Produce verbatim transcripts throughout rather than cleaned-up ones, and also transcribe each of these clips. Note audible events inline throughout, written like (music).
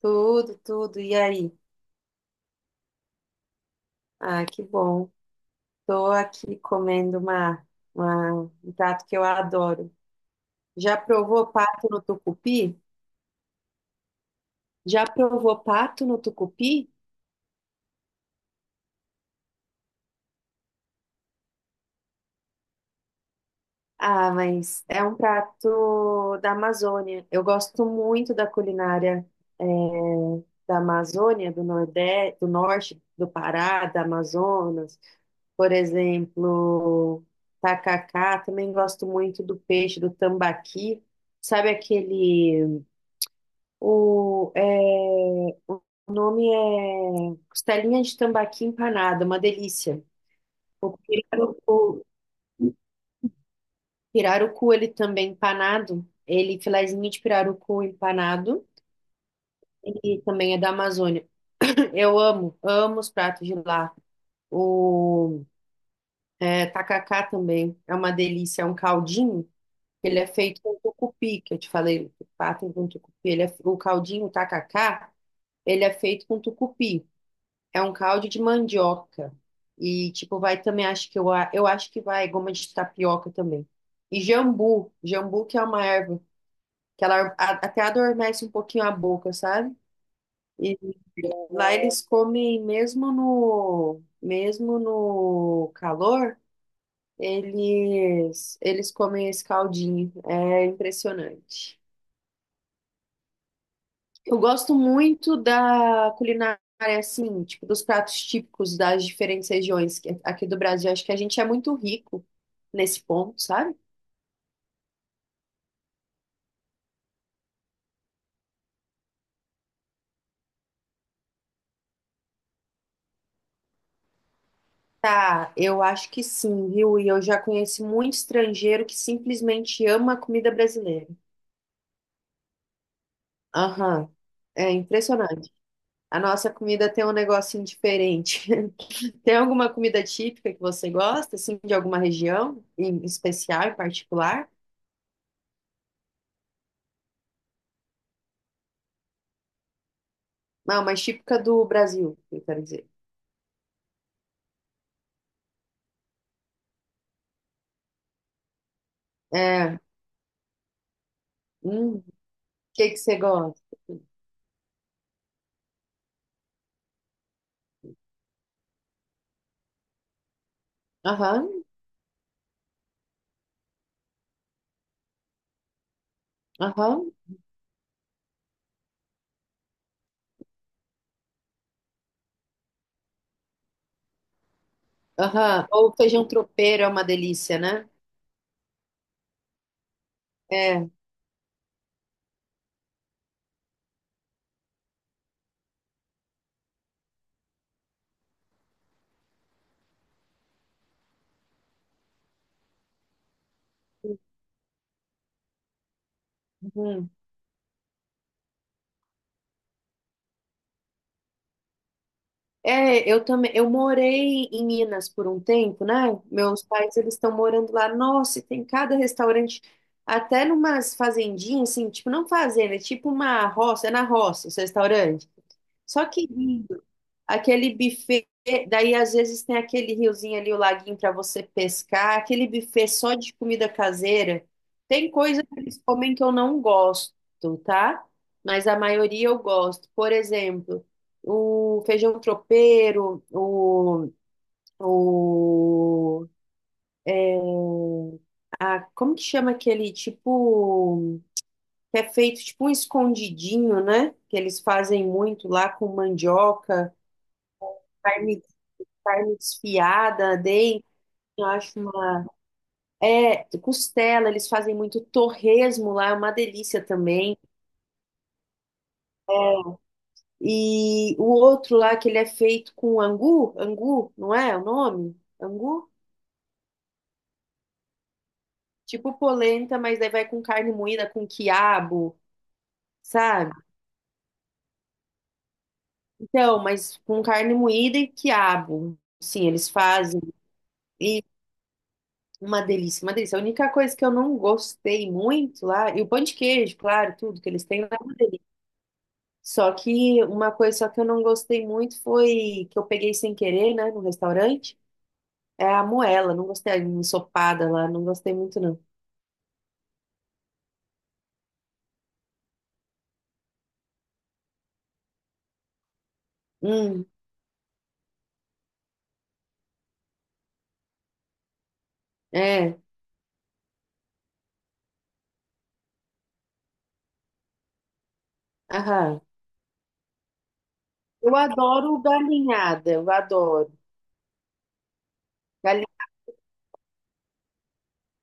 Tudo, tudo. E aí? Ah, que bom. Tô aqui comendo uma, uma- um prato que eu adoro. Já provou pato no tucupi? Já provou pato no tucupi? Ah, mas é um prato da Amazônia. Eu gosto muito da culinária, eh, da Amazônia, do Nordeste, do Norte, do Pará, da Amazonas. Por exemplo, tacacá, também gosto muito do peixe do tambaqui. Sabe aquele. O, é, o nome é costelinha de tambaqui empanada, uma delícia. O pirarucu, pirarucu, ele também empanado, ele filezinho de pirarucu empanado, e também é da Amazônia. (clears throat) Eu amo, amo os pratos de lá. O é, tacacá também é uma delícia, é um caldinho. Ele é feito com tucupi, que eu te falei, o pato com tucupi. Ele é, o caldinho, o tacacá, ele é feito com tucupi. É um caldo de mandioca. E, tipo, vai também, acho que eu, a- eu acho que vai goma de tapioca também. E jambu, jambu que é uma erva, que ela a- até adormece um pouquinho a boca, sabe? E lá eles comem mesmo no, mesmo no calor, eles, eles comem esse caldinho. É impressionante. Eu gosto muito da culinária, assim, tipo, dos pratos típicos das diferentes regiões que- aqui do Brasil. Acho que a gente é muito rico nesse ponto, sabe? Tá, eu acho que sim, viu? E eu já conheci muito estrangeiro que simplesmente ama a comida brasileira. Aham. É impressionante. A nossa comida tem um negocinho diferente. (laughs) Tem alguma comida típica que você gosta, assim, de alguma região em especial, em particular? Não, mas típica do Brasil, eu quero dizer. É. Hum, o que que você gosta? Aham, aham, aham. Ou feijão tropeiro é uma delícia, né? É. Uhum. É, eu também, eu morei em Minas por um tempo, né? Meus pais, eles estão morando lá. Nossa, e tem cada restaurante, até numas fazendinhas, assim, tipo, não fazenda, é tipo uma roça, é na roça, esse restaurante. Só que lindo. Aquele buffet, daí às vezes tem aquele riozinho ali, o laguinho para você pescar, aquele buffet só de comida caseira. Tem coisa que eles comem que eu não gosto, tá? Mas a maioria eu gosto. Por exemplo, o feijão tropeiro, o, o a, como que chama aquele tipo que é feito tipo um escondidinho, né? Que eles fazem muito lá com mandioca, carne, carne desfiada, dei, eu acho uma é costela, eles fazem muito torresmo lá, é uma delícia também. É. E o outro lá que ele é feito com angu, angu, não é o nome? Angu? Tipo polenta, mas daí vai com carne moída, com quiabo, sabe? Então, mas com carne moída e quiabo. Sim, eles fazem. E uma delícia, uma delícia. A única coisa que eu não gostei muito lá, e o pão de queijo, claro, tudo que eles têm lá é uma delícia. Só que uma coisa só que eu não gostei muito foi que eu peguei sem querer, né, no restaurante, é a moela. Não gostei, a ensopada lá, não gostei muito, não. Hum, é, aham. Eu adoro galinhada, eu adoro.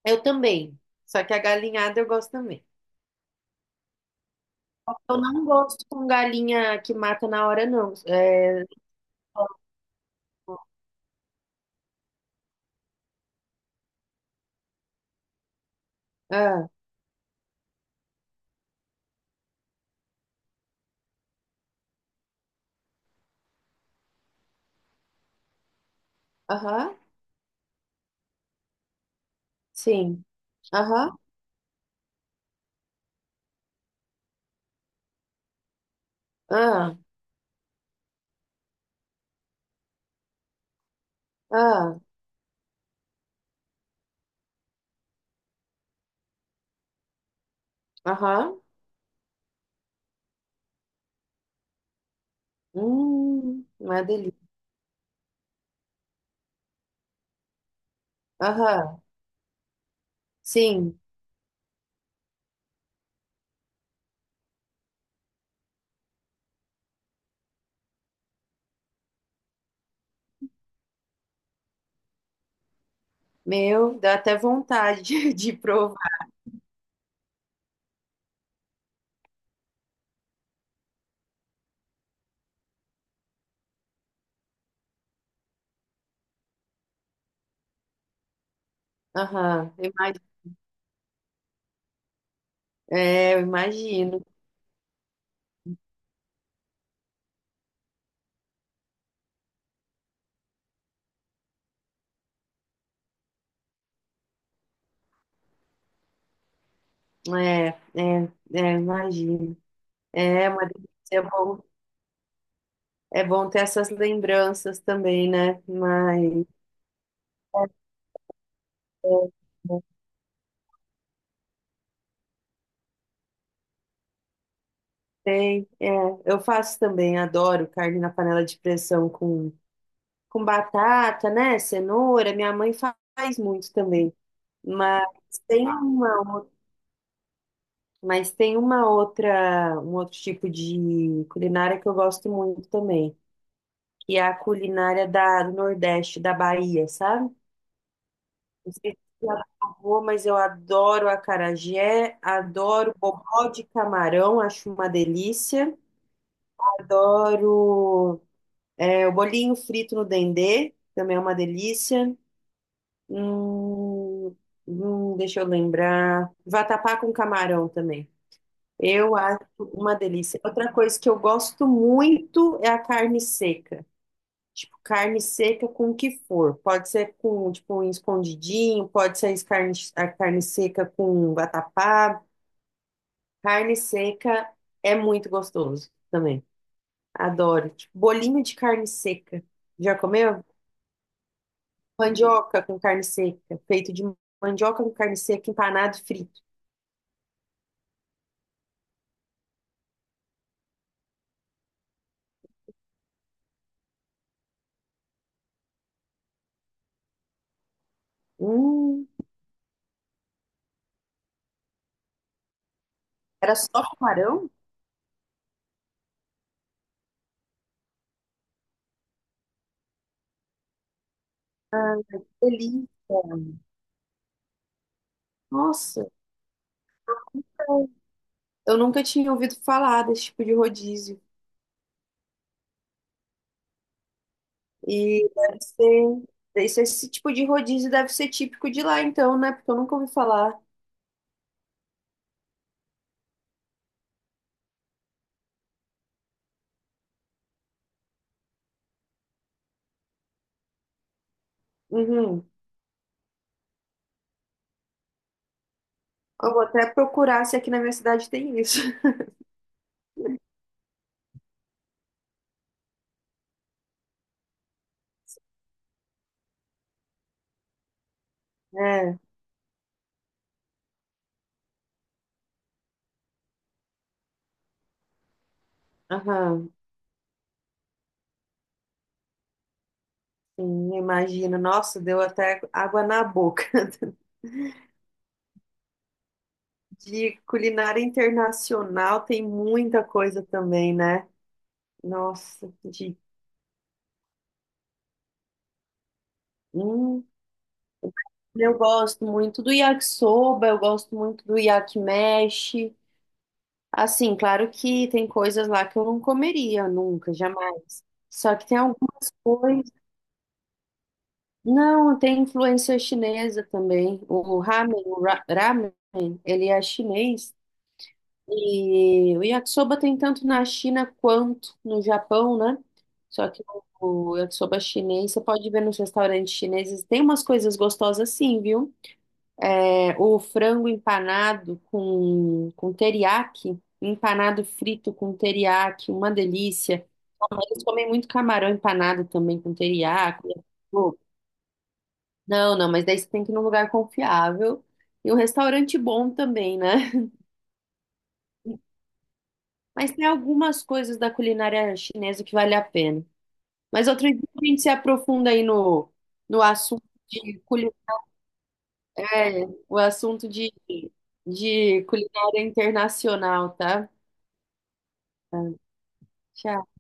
Eu também. Só que a galinhada eu gosto também. Eu não gosto com galinha que mata na hora, não. É... Ah, aham, sim. Aham, ah, ah, aham. Hum, uma delícia. Aham, sim. Meu, dá até vontade (laughs) de provar. Aham, imag- é, eu imagino. É, é, é, imagino. É uma delícia. É bom, é bom ter essas lembranças também, né? Mas. É, é. Tem, é, eu faço também, adoro carne na panela de pressão com, com batata, né? Cenoura, minha mãe fa- faz muito também. Mas tem uma, ou- mas tem uma outra, um outro tipo de culinária que eu gosto muito também, que é a culinária da, do Nordeste, da Bahia, sabe? Não sei se você já provou, mas eu adoro acarajé, adoro bobó de camarão, acho uma delícia. Adoro. É, o bolinho frito no dendê também é uma delícia. Hum, hum, deixa eu lembrar. Vatapá com camarão também. Eu acho uma delícia. Outra coisa que eu gosto muito é a carne seca. Tipo, carne seca com o que for. Pode ser com, tipo, um escondidinho, pode ser as carne, a carne seca com vatapá. Carne seca é muito gostoso também. Adoro. Tipo, bolinho de carne seca. Já comeu? Mandioca com carne seca, feito de mandioca com carne seca, empanado e frito. Hum, era só camarão? Ah, que delícia. Nossa, eu nunca tinha ouvido falar desse tipo de rodízio. E deve ser, esse, esse tipo de rodízio deve ser típico de lá, então, né? Porque eu nunca ouvi falar. Uhum. Eu vou até procurar se aqui na minha cidade tem isso. (laughs) É, aham. Sim, imagino. Nossa, deu até água na boca. (laughs) De culinária internacional tem muita coisa também, né? Nossa, de. Hum, eu gosto muito do yakisoba, eu gosto muito do yakimeshi. Assim, claro que tem coisas lá que eu não comeria nunca, jamais. Só que tem algumas coisas. Não, tem influência chinesa também. O ramen, o ra- ramen, ele é chinês. E o yakisoba tem tanto na China quanto no Japão, né? Só que o o yakisoba chinês, você pode ver nos restaurantes chineses, tem umas coisas gostosas sim, viu? É, o frango empanado com, com teriyaki, empanado frito com teriyaki, uma delícia. Mas eles comem muito camarão empanado também com teriyaki. Pô. Não, não, mas daí você tem que ir num lugar confiável e um restaurante bom também, né? Mas tem algumas coisas da culinária chinesa que vale a pena. Mas outro dia a gente se aprofunda aí no, no assunto de culinária, é, o assunto de, de culinária internacional, tá? Tchau.